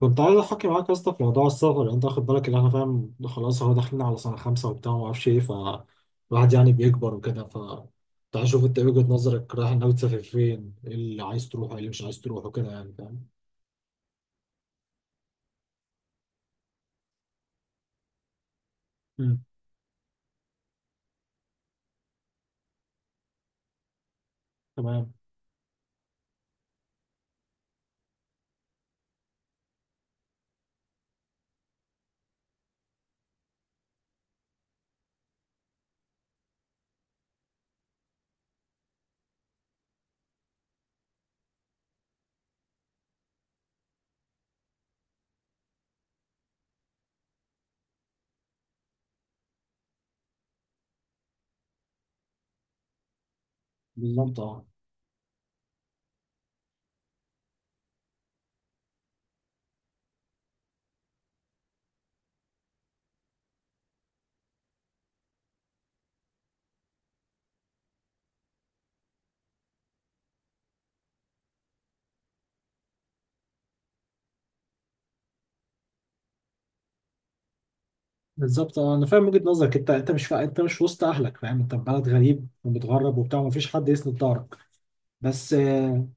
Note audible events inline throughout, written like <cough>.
كنت عايز احكي معاك يا اسطى في موضوع السفر. يعني انت واخد بالك ان احنا فاهم، خلاص هو داخلين على سنه خمسه وبتاع وما اعرفش ايه، فالواحد يعني بيكبر وكده. تعال شوف انت ايه وجهه نظرك، رايح ناوي تسافر فين، ايه اللي عايز تروحه ايه اللي مش عايز تروحه، كده يعني فاهم. امم تمام. بالظبط اه. بالظبط اه، انا فاهم وجهه نظرك، انت مش وسط اهلك فاهم، انت في بلد غريب ومتغرب وبتاع ومفيش حد يسند ظهرك. بس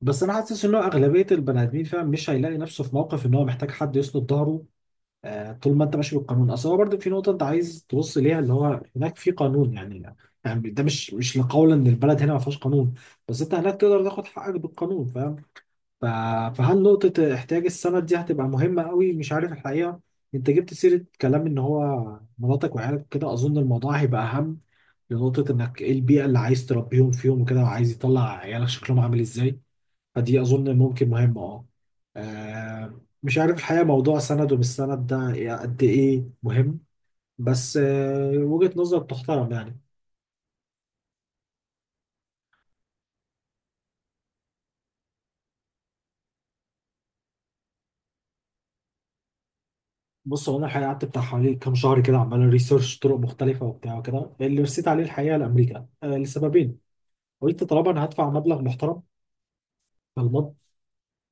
بس انا حاسس ان هو اغلبيه البني ادمين فاهم، مش هيلاقي نفسه في موقف ان هو محتاج حد يسند ظهره. طول ما انت ماشي بالقانون، اصل هو برضه في نقطه انت عايز تبص ليها، اللي هو هناك في قانون يعني. يعني ده مش لقول ان البلد هنا ما فيهاش قانون، بس انت هناك تقدر تاخد حقك بالقانون فاهم. ف- فهل نقطه احتياج السند دي هتبقى مهمه قوي، مش عارف الحقيقه. انت جبت سيره كلام ان هو مراتك وعيالك كده، اظن الموضوع هيبقى اهم لنقطه انك ايه البيئه اللي عايز تربيهم فيهم وكده، وعايز يطلع عيالك شكلهم عامل ازاي. دي أظن ممكن مهمة أه. مش عارف الحقيقة موضوع سند ومش سند ده إيه، قد إيه مهم. بس وجهة نظر تحترم يعني. بص هو أنا الحقيقة قعدت بتاع حوالي كام شهر كده، عمال ريسيرش طرق مختلفة وبتاع وكده، اللي رسيت عليه الحقيقة لأمريكا لسببين. قلت طالما أنا هدفع مبلغ محترم، فالمنطق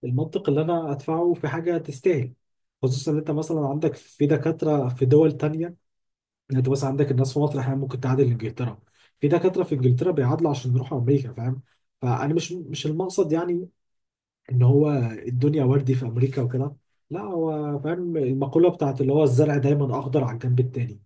المنطق اللي أنا أدفعه في حاجة تستاهل، خصوصا إن أنت مثلا عندك في دكاترة في دول تانية. يعني انت مثلا عندك الناس في مصر احيانا ممكن تعادل انجلترا، في دكاتره في انجلترا بيعادلوا عشان يروحوا امريكا فاهم. فانا مش المقصد يعني ان هو الدنيا وردي في امريكا وكده، لا هو فاهم المقوله بتاعت اللي هو الزرع دايما اخضر على الجنب التاني.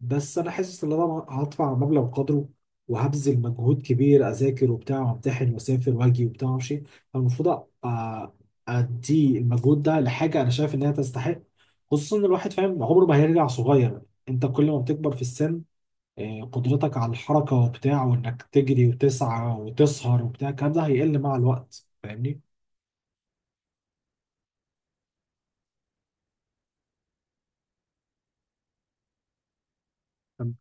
بس انا حاسس ان انا هدفع مبلغ قدره، وهبذل مجهود كبير، اذاكر وبتاع وامتحن واسافر واجي وبتاع وامشي. فالمفروض أ- ادي المجهود ده لحاجه انا شايف انها تستحق، خصوصا ان الواحد فاهم عمره ما هيرجع صغير. انت كل ما بتكبر في السن قدرتك على الحركة وبتاع وإنك تجري وتسعى وتسهر وبتاع الكلام ده هيقل مع الوقت فاهمني؟ تم-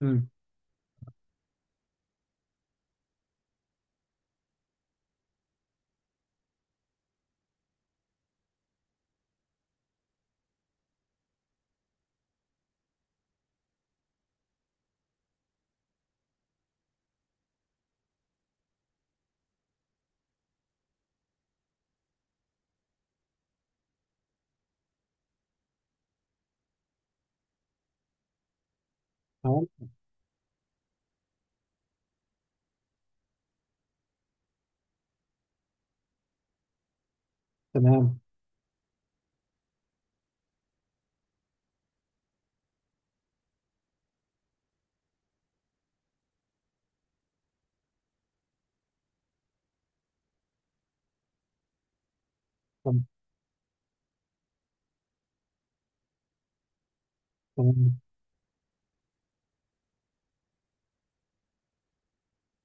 مم. تمام. تمام. تم- تمام.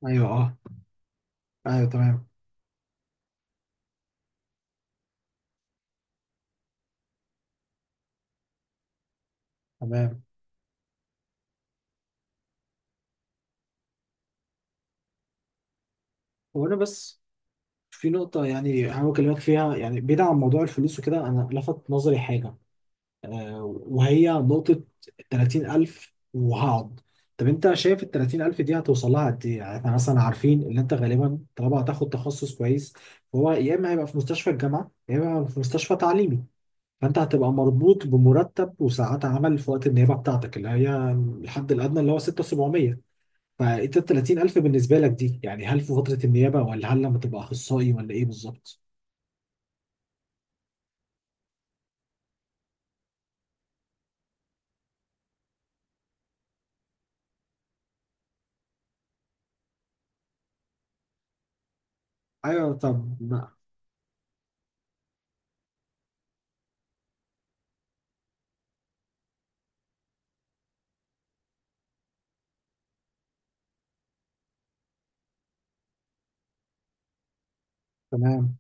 أيوه أه. أيوه تمام. تمام. وأنا بس في نقطة يعني هحاول أكلمك فيها، يعني بعيد عن موضوع الفلوس وكده، أنا لفت نظري حاجة، وهي نقطة 30,000 وهقعد. طب أنت شايف ال 30,000 دي هتوصل لها قد إيه؟ يعني إحنا مثلا عارفين إن أنت غالبا طالما هتاخد تخصص كويس، فهو يا إما هيبقى في مستشفى الجامعة يا إما هيبقى في مستشفى تعليمي، فأنت هتبقى مربوط بمرتب وساعات عمل في وقت النيابة بتاعتك اللي هي الحد الأدنى اللي هو 6,700. فأنت ال 30,000 بالنسبة لك دي يعني هل في فترة النيابة ولا هل لما تبقى أخصائي ولا إيه بالظبط؟ أيوه. طب ما. تمام.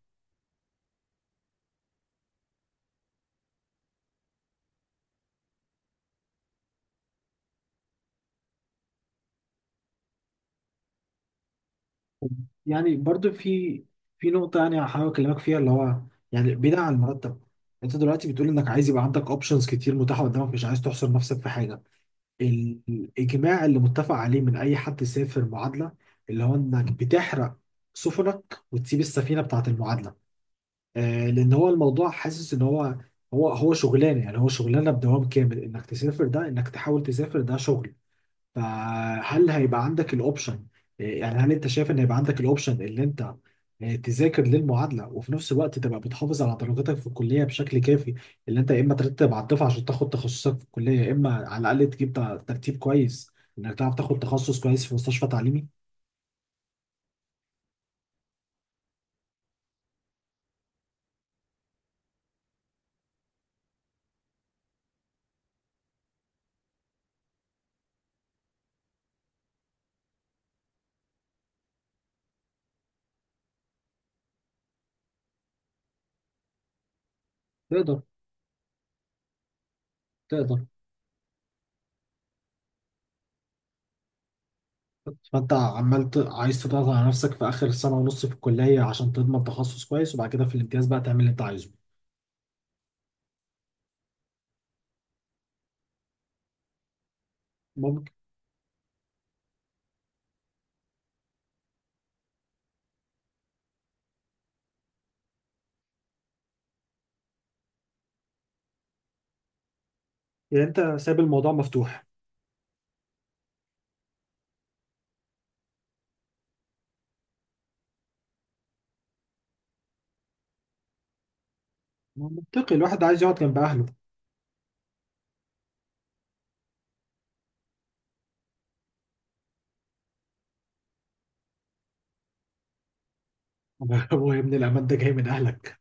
يعني برضو في نقطة يعني هحاول أكلمك فيها اللي هو، يعني بعيدا عن المرتب، أنت دلوقتي بتقول إنك عايز يبقى عندك أوبشنز كتير متاحة قدامك، مش عايز تحصر نفسك في حاجة. الإجماع اللي متفق عليه من أي حد سافر معادلة، اللي هو إنك بتحرق سفنك وتسيب السفينة بتاعة المعادلة. آه، لأن هو الموضوع حاسس إن هو هو شغلانة، يعني هو شغلانة بدوام كامل، إنك تسافر ده إنك تحاول تسافر ده شغل. فهل هيبقى عندك الاوبشن. يعني هل انت شايف ان هيبقى عندك الاوبشن اللي انت تذاكر للمعادله وفي نفس الوقت تبقى بتحافظ على درجاتك في الكليه بشكل كافي، اللي انت يا اما ترتب على الدفعه عشان تاخد تخصصك في الكليه، يا اما على الاقل تجيب ترتيب كويس انك تعرف تاخد تخصص كويس في مستشفى تعليمي. تقدر. تقدر. فانت عمال عايز تضغط على نفسك في اخر سنه ونص في الكليه عشان تضمن تخصص كويس، وبعد كده في الامتياز بقى تعمل اللي انت عايزه. ممكن. يعني انت سايب الموضوع مفتوح. منطقي، الواحد عايز يقعد جنب اهله. <laughs> هو يا ابني الأمان ده جاي من أهلك.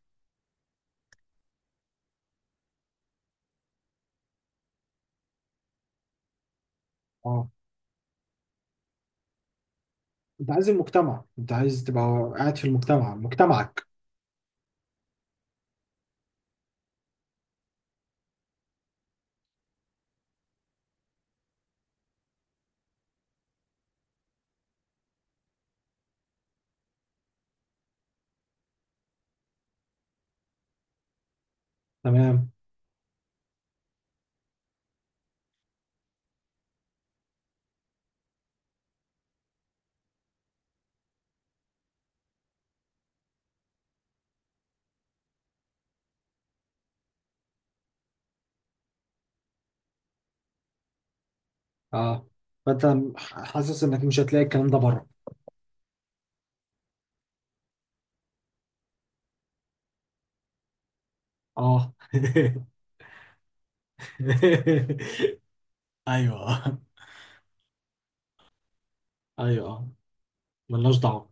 اه. أنت عايز المجتمع، أنت عايز تبقى قاعد في المجتمع مجتمعك. تمام. اه. فأنت حاسس إنك مش هتلاقي الكلام ده بره. اه <laughs> أيوه. أيوه. ملناش دعوة.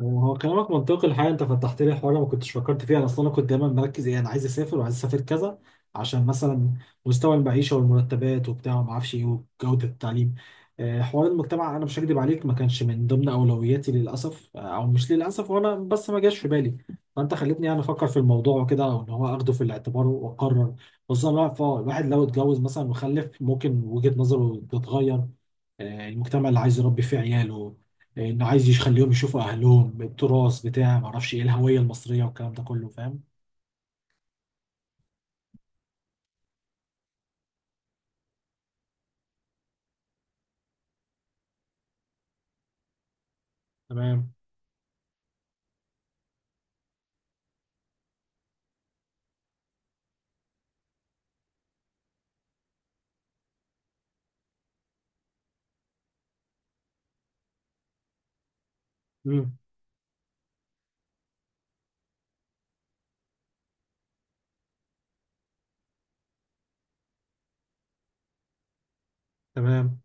هو كلامك منطقي الحقيقه، انت فتحت لي حوار ما كنتش فكرت فيه، انا اصلا كنت دايما مركز ايه، انا عايز اسافر وعايز اسافر كذا عشان مثلا مستوى المعيشه والمرتبات وبتاع وما اعرفش ايه، وجوده التعليم، حوار المجتمع انا مش هكدب عليك ما كانش من ضمن اولوياتي للاسف، او مش للاسف وانا بس ما جاش في بالي. فانت خلتني يعني افكر في الموضوع وكده، وان هو اخده في الاعتبار واقرر. خصوصا الواحد الواحد لو اتجوز مثلا وخلف ممكن وجهه نظره تتغير، المجتمع اللي عايز يربي فيه عياله، انه عايز يخليهم يشوفوا اهلهم التراث بتاع ما اعرفش ايه، الهويه المصريه والكلام ده كله فاهم. تمام. امم. تمام.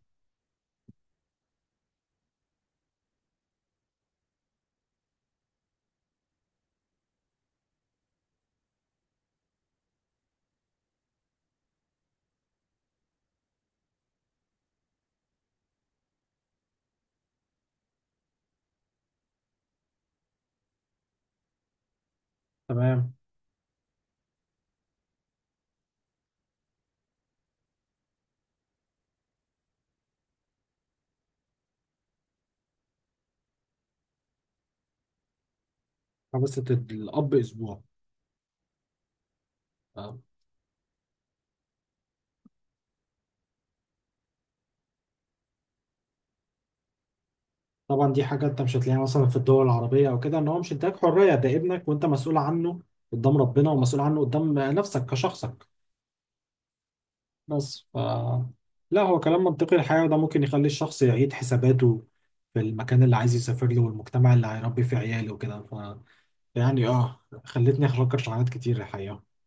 تمام. حبسة الاب اسبوع آه. طبعا دي حاجه انت مش هتلاقيها مثلا في الدول العربيه او كده، ان هو مش اداك حريه، ده ابنك وانت مسؤول عنه قدام ربنا ومسؤول عنه قدام نفسك كشخصك. بس ف لا هو كلام منطقي الحقيقه، وده ممكن يخلي الشخص يعيد حساباته في المكان اللي عايز يسافر له والمجتمع اللي هيربي فيه عياله وكده. يعني اه خلتني افكر في حاجات كتير الحقيقه.